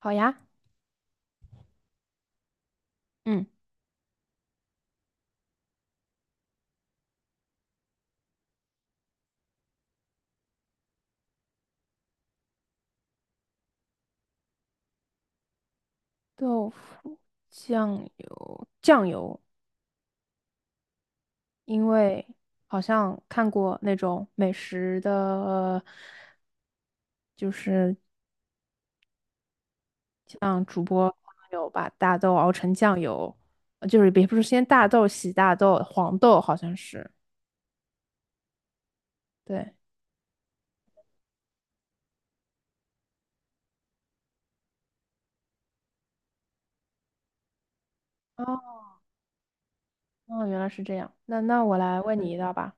好呀。嗯，豆腐，酱油，因为好像看过那种美食的，就是像主播他们有把大豆熬成酱油，就是也不是先大豆洗大豆，黄豆好像是，对。哦，哦，原来是这样。那我来问你一道吧，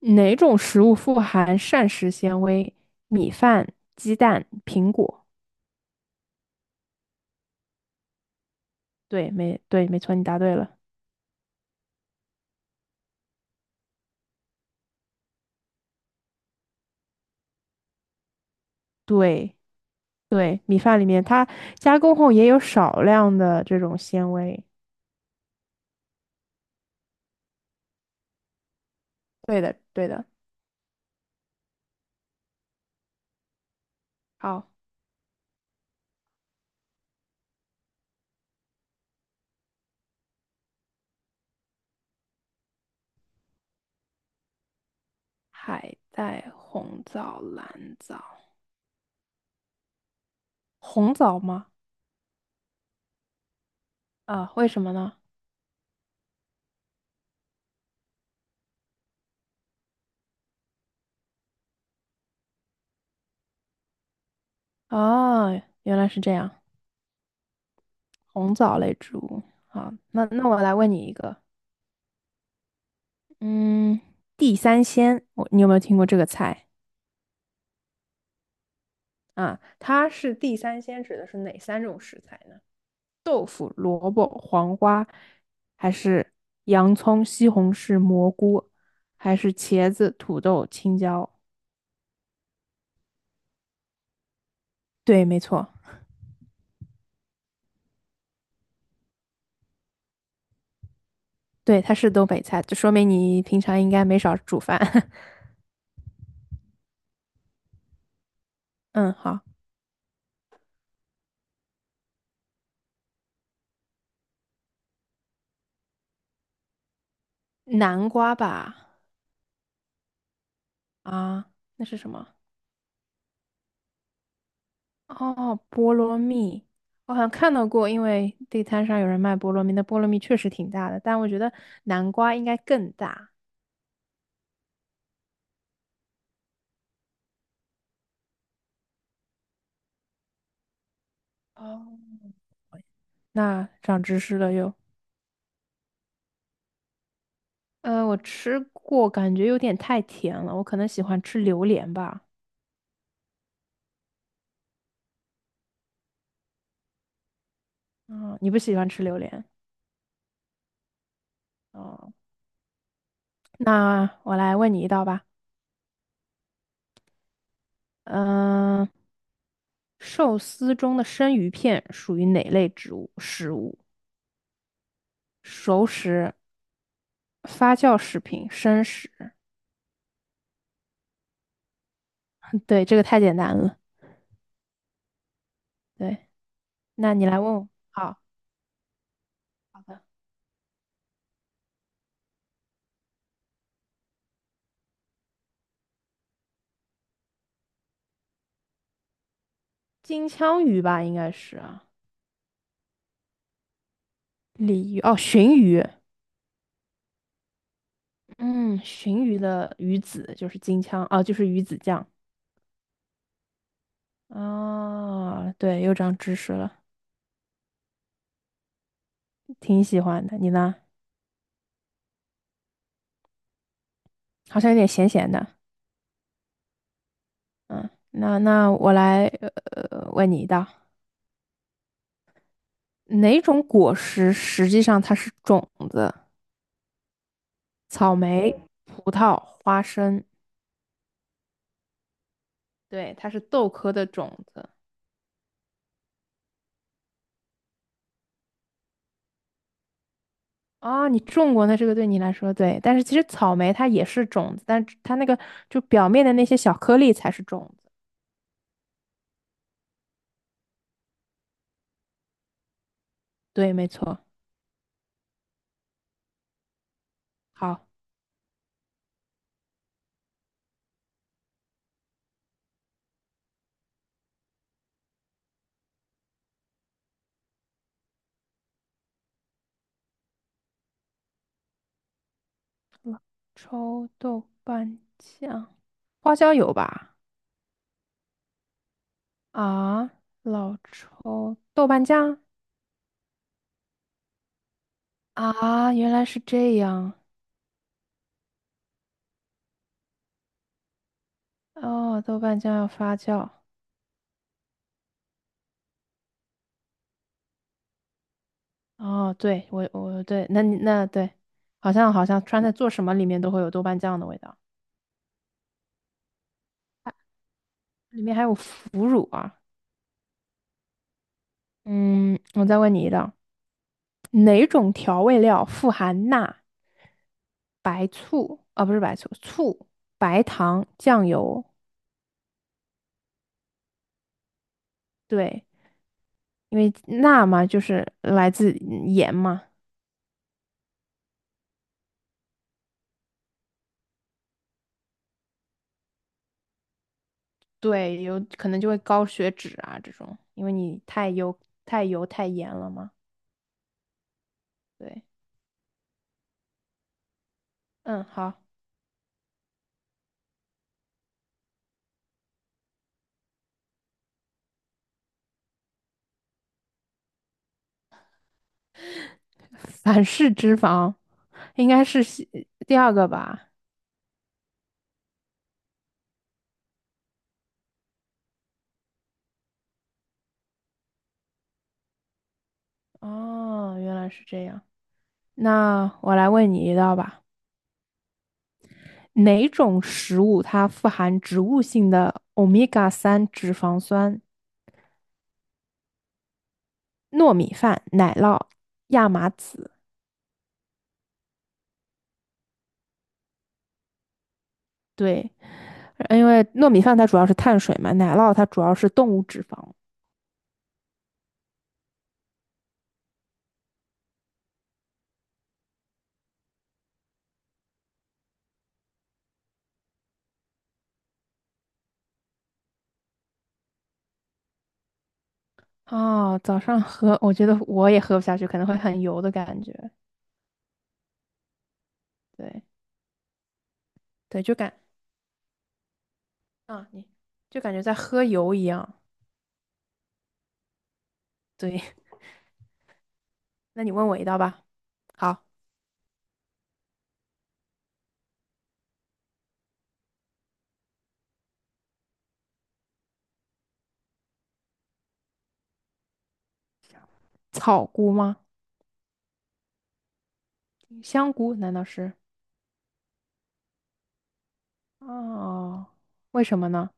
哪种食物富含膳食纤维？米饭、鸡蛋、苹果。对，没错，你答对了。对。对，米饭里面它加工后也有少量的这种纤维。对的，对的。好，海带、红枣、蓝枣，红枣吗？啊，为什么呢？啊，原来是这样，红枣类植物。好，那我来问你一个。嗯，地三鲜，你有没有听过这个菜？啊？它是地三鲜指的是哪三种食材呢？豆腐、萝卜、黄瓜，还是洋葱、西红柿、蘑菇，还是茄子、土豆、青椒？对，没错。对，它是东北菜，就说明你平常应该没少煮饭。嗯，好，南瓜吧？啊，那是什么？哦，菠萝蜜，我好像看到过，因为地摊上有人卖菠萝蜜，那菠萝蜜确实挺大的，但我觉得南瓜应该更大。哦，那长知识了又。我吃过，感觉有点太甜了，我可能喜欢吃榴莲吧。啊、你不喜欢吃榴莲？哦，那我来问你一道吧。嗯、寿司中的生鱼片属于哪类植物食物？熟食、发酵食品、生食。嗯对，这个太简单了。对，那你来问我。好，好的。金枪鱼吧，应该是啊。鲤鱼哦，鲟鱼。嗯，鲟鱼的鱼子就是金枪，哦，就是鱼子酱。哦，对，又长知识了。挺喜欢的。你呢？好像有点咸咸的。嗯，那我来问你一道，哪种果实实际上它是种子？草莓、葡萄、花生。对，它是豆科的种子。啊，你种过，那这个对你来说对，但是其实草莓它也是种子，但是它那个就表面的那些小颗粒才是种子。对，没错。好，老抽、豆瓣酱、花椒油吧。啊，老抽、豆瓣酱，啊，原来是这样。哦，豆瓣酱要发酵。哦，对，我对，那你那对，好像川菜做什么里面都会有豆瓣酱的味道，里面还有腐乳啊。嗯，我再问你一道，哪种调味料富含钠、白醋啊，不是白醋，醋、白糖、酱油？对，因为钠嘛，就是来自盐嘛。对，有可能就会高血脂啊这种，因为你太油、太油、太盐了嘛。对，嗯，好，反式脂肪应该是第二个吧？哦，原来是这样。那我来问你一道吧，哪种食物它富含植物性的欧米伽三脂肪酸？糯米饭、奶酪、亚麻籽。对，因为糯米饭它主要是碳水嘛，奶酪它主要是动物脂肪。哦，早上喝，我觉得我也喝不下去，可能会很油的感觉。对。对，啊，你就感觉在喝油一样。对。那你问我一道吧。好，草菇吗？香菇难道是？哦，为什么呢？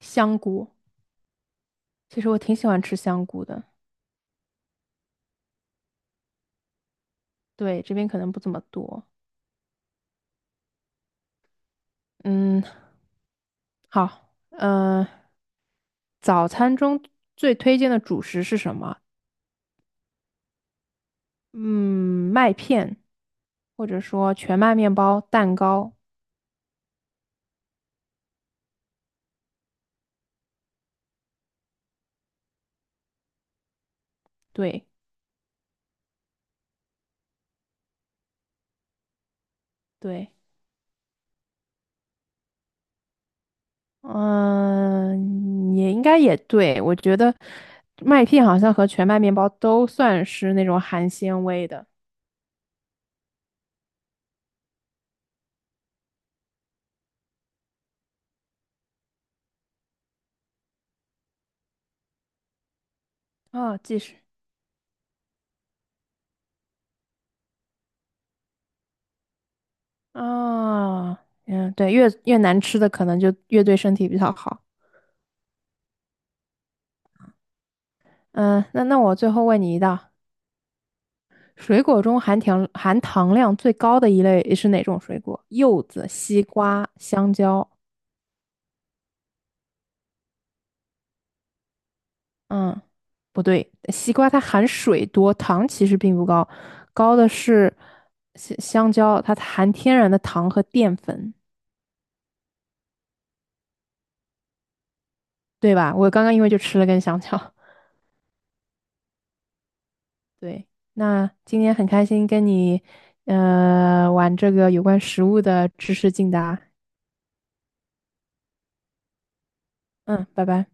香菇，其实我挺喜欢吃香菇的。对，这边可能不怎么多。嗯，好，早餐中最推荐的主食是什么？嗯，麦片，或者说全麦面包、蛋糕。对。对，嗯，也应该也对。我觉得麦片好像和全麦面包都算是那种含纤维的。啊，即使啊，嗯，对，越难吃的可能就越对身体比较好。嗯，那我最后问你一道，水果中含糖量最高的一类是哪种水果？柚子、西瓜、香蕉。嗯，不对，西瓜它含水多，糖其实并不高，高的是香蕉，它含天然的糖和淀粉，对吧？我刚刚因为就吃了根香蕉。对，那今天很开心跟你玩这个有关食物的知识竞答。嗯，拜拜。